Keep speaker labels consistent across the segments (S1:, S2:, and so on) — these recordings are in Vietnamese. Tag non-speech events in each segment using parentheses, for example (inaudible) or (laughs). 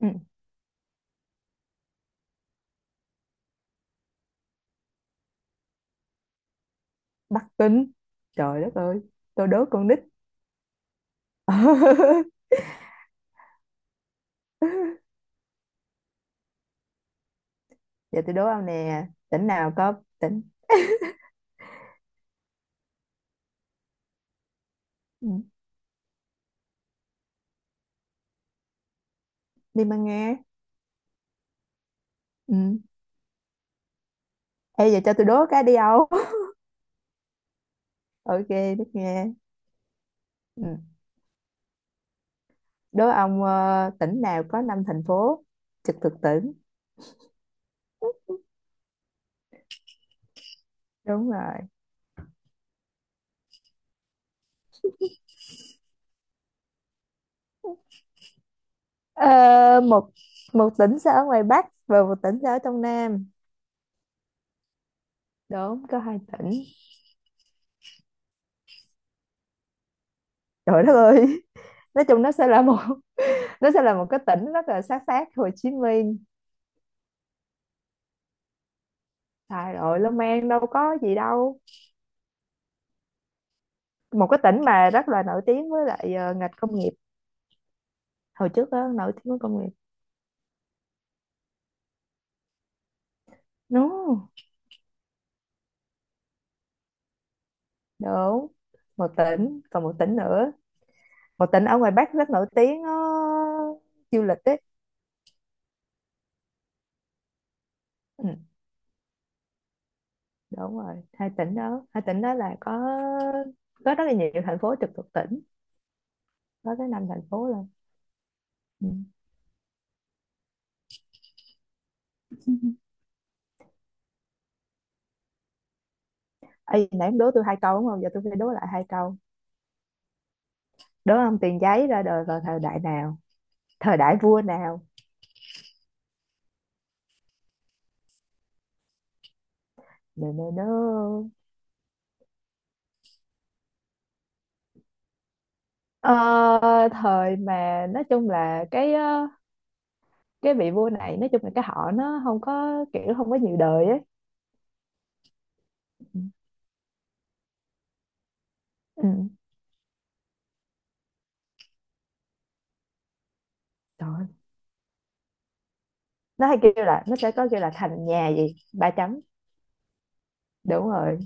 S1: Ừ. Bắc Kinh, trời đất ơi, tôi đố con nít. (laughs) Giờ tôi đố ông nè, tỉnh nào có tỉnh. Ừ. Liên bang Nga. Ừ. Ê, giờ cho tôi đố cái đi ông. (laughs) Ok, nước Nga. Ừ. Đố ông tỉnh nào có năm thành phố trực thuộc tỉnh. Đúng rồi. Ờ, một một tỉnh sẽ ở ngoài Bắc và một tỉnh sẽ ở trong Nam. Đúng, có hai tỉnh. Trời đất ơi. (laughs) Nói chung nó sẽ là một. (laughs) Nó sẽ là một cái tỉnh rất là sát sát Hồ Chí Minh. Trời ơi, Long An đâu có gì đâu. Một cái tỉnh mà rất là nổi tiếng với lại ngành công nghiệp. Hồi trước đó, nổi tiếng với công nghiệp. Đúng, đúng. Một tỉnh, còn một tỉnh nữa. Một tỉnh ở ngoài Bắc rất nổi tiếng du lịch ấy. Ừ, đúng rồi, hai tỉnh đó. Hai tỉnh đó là có rất là nhiều thành phố trực thuộc tỉnh. Có tới năm thành phố luôn. Ừ. Ê, nãy em đố tôi hai câu đúng không? Giờ tôi phải đố lại hai câu. Đố ông tiền giấy ra đời vào thời đại nào? Thời đại vua nào? Nè nè nè. Ờ, Thời mà nói chung là cái vị vua này nói chung là cái họ nó không có kiểu không có nhiều đời ấy. Ừ. Ừ. Trời ơi. Nó hay kêu là nó sẽ có kêu là thành nhà gì ba chấm. Đúng rồi.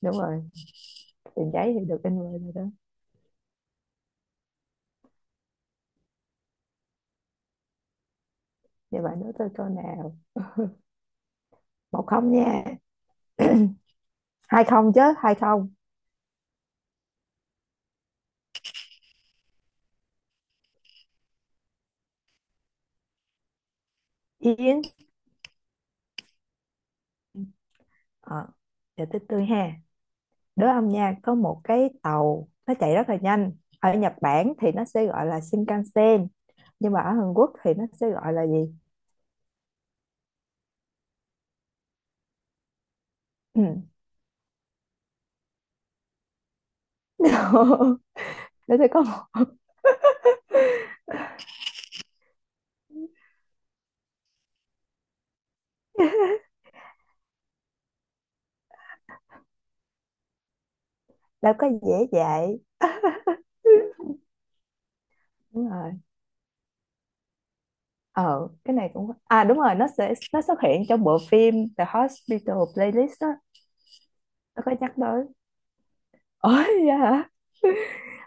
S1: Đúng rồi. Tiền giấy thì được in rồi đó. Vậy bạn nói tôi câu nào? Một không nha. Hai không chứ hai không. Yến. Ờ. Giờ tới tôi ha. Đố ông nha, có một cái tàu nó chạy rất là nhanh, ở Nhật Bản thì nó sẽ gọi là Shinkansen, nhưng mà ở Hàn Quốc thì nó sẽ gọi là gì? Ừ. (laughs) Để tôi có một. Để có dễ dạy. Đúng rồi. Ờ cái này cũng, à, đúng rồi, nó xuất hiện trong bộ phim The Hospital Playlist đó. Nó có nhắc tới. (laughs) Ôi vậy hả.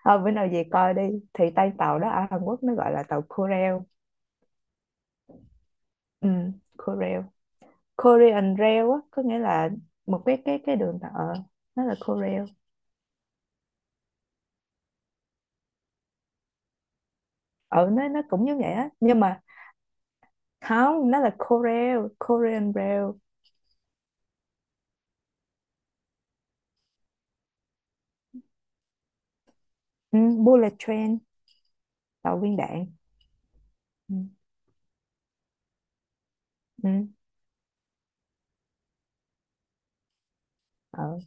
S1: Ờ, bữa nào về coi đi, thì tay tàu đó ở Hàn Quốc nó gọi là tàu Korail. Ừ. Korail, Korean Rail á, có nghĩa là một cái đường tàu ờ nó là Korail. Ờ, nó cũng như vậy á, nhưng mà không, nó là Korail, Korean Rail. Ừ, bullet train. Tàu viên đạn. Ừ. Ừ. Ờ,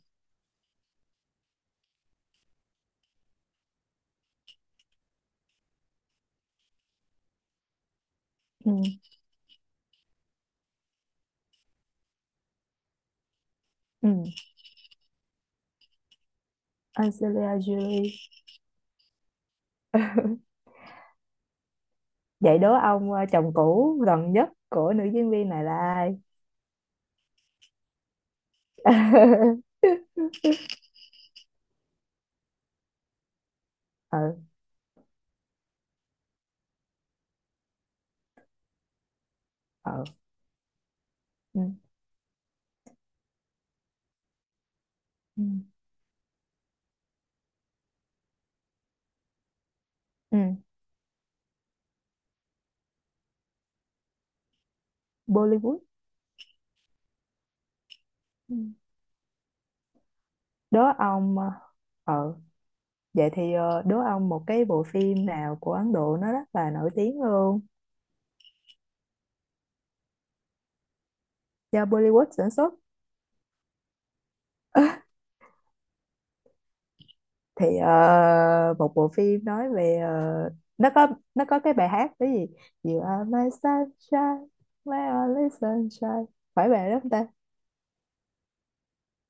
S1: ừ, ừ. Angelina Jolie. Vậy đố ông, chồng cũ gần nhất của nữ diễn viên này là ai? (laughs) Ừ, ừ, ừ, ừ, ừ. Bollywood. Ừ. Đố ông ừ. Vậy thì đố ông một cái bộ phim nào của Ấn Độ nó rất là nổi tiếng luôn, do Bollywood sản xuất. Thì một bộ phim nói về nó có nó có cái bài hát cái gì. You are my sunshine, my only sunshine. Phải bài đó không ta?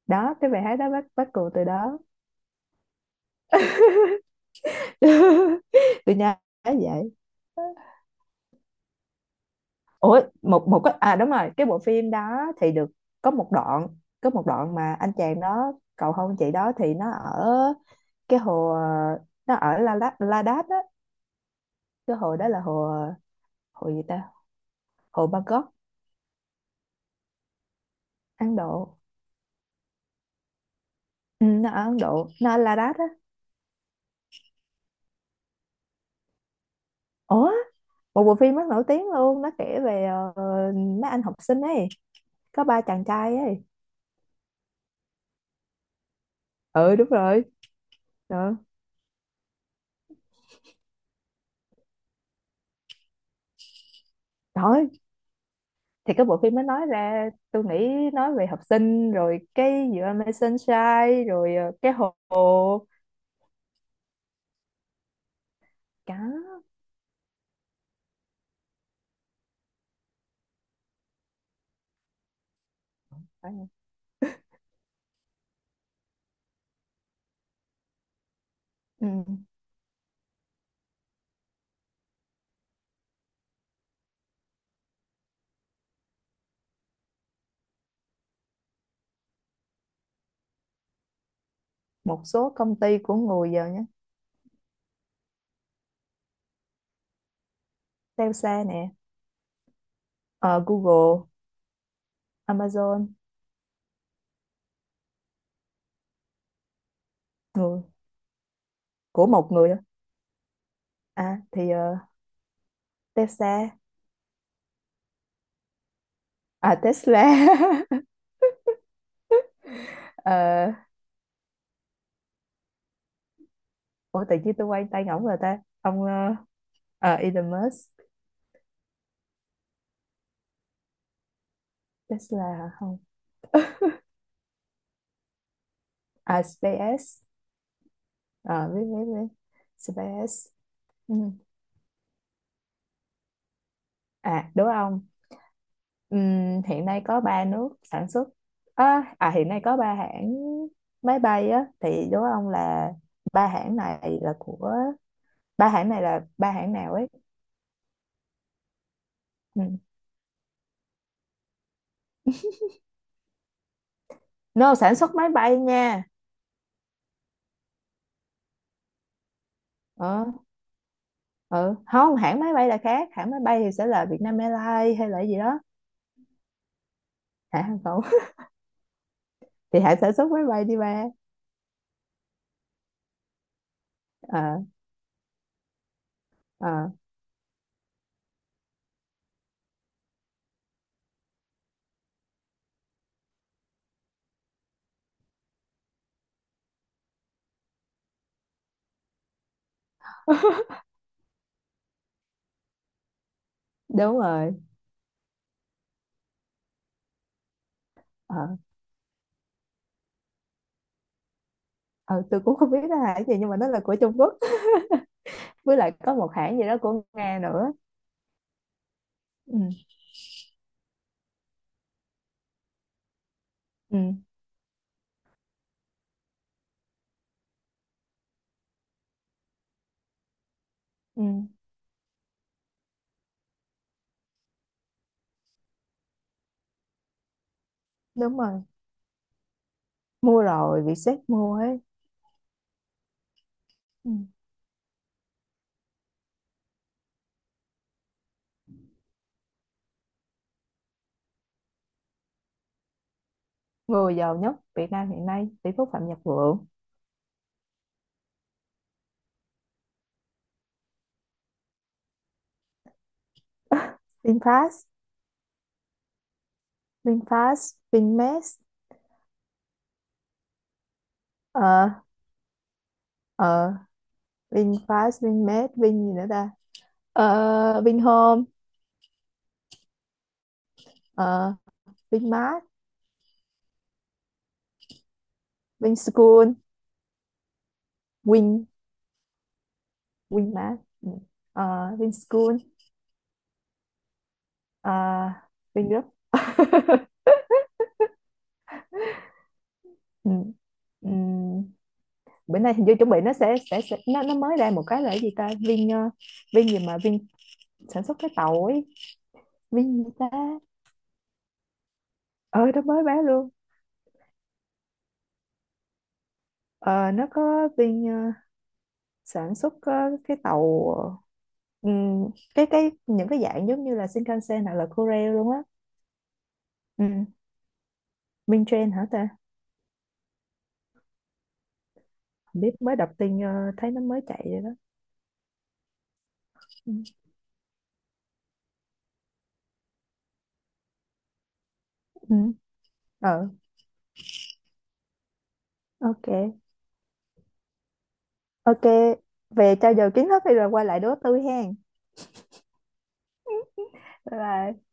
S1: Đó, cái bài hát đó bắt bắt cụ từ đó. (laughs) Tôi nhớ. Vậy. Ủa, một một cái, à đúng rồi, cái bộ phim đó thì được. Có một đoạn. Có một đoạn mà anh chàng đó cầu hôn chị đó thì nó ở cái hồ nó ở La Đát La Đát á. Cái hồ đó là hồ. Hồ gì ta? Hồ Bangkok. Ấn Độ. Ừ, nó ở Ấn Độ, nó ở La Đát á. Ủa, một bộ phim rất nổi tiếng luôn, nó kể về mấy anh học sinh ấy. Có ba chàng trai ấy. Ừ, đúng rồi. Ừ. Trời ơi, thì cái bộ phim mới nói ra tôi nghĩ nói về học sinh rồi cái giữa Amazing Sunshine rồi cái hồ cá phải không? Ừ. Một số công ty của người giàu nhé. Telsa nè. Ờ, Google. Amazon. Người của một người thôi. À, thì Tesla. À, Tesla. (laughs) Ờ, ủa tự nhiên tôi quay tay ngỗng rồi ta ông ờ, Elon Musk. Tesla hả? Không. À, SpaceX. Ờ, biết biết biết. SpaceX. Ừ. À, đúng không. Hiện nay có ba nước sản xuất. Hiện nay có ba hãng máy bay á, thì đố ông là ba hãng này là của, ba hãng này là ba hãng nào ấy? Ừ. No, sản xuất máy bay nha. Ờ. Ừ. Không, hãng máy bay là khác, hãng máy bay thì sẽ là Vietnam Airlines hay là gì đó. Hãng hàng không. (laughs) Thì hãng sản xuất máy bay đi ba. Ờ. Ờ. (laughs) Đúng rồi. Ờ. Ờ, tôi cũng không biết nó là hãng gì nhưng mà nó là của Trung Quốc. (laughs) Với lại có một hãng gì đó của Nga nữa. Ừ. Ừ. Ừ, đúng rồi, mua rồi, Vietjet mua ấy. Ừ. Người giàu nhất Việt Nam hiện nay tỷ phú Phạm Nhật Vượng. VinFast. VinFast, VinMex. Ờ. Ờ. VinFast, VinMex, Vin gì nữa ta? Ờ, Vinhome. Ờ, Vinmart. Vinschool. Win Winmart. Ừ. Ờ, Vinschool. Ờ, Vingroup. Ừ. Ừ. Bữa nay hình như chuẩn bị nó sẽ nó mới ra một cái là cái gì ta, Vin Vin gì mà Vin sản xuất cái tàu ấy. Vin gì ta? Ờ, nó mới bán luôn. Ờ, nó có viên sản xuất cái tàu ừm, cái những cái dạng giống như là Shinkansen hoặc là Korail luôn á. Ừ. Minh train hả ta? Không biết, mới đọc tin thấy nó mới chạy rồi đó. Ừ. Ừ. Ờ. Ok. Ok. Về trao dồi kiến thức thì rồi quay lại đố tôi hen. Bye bye.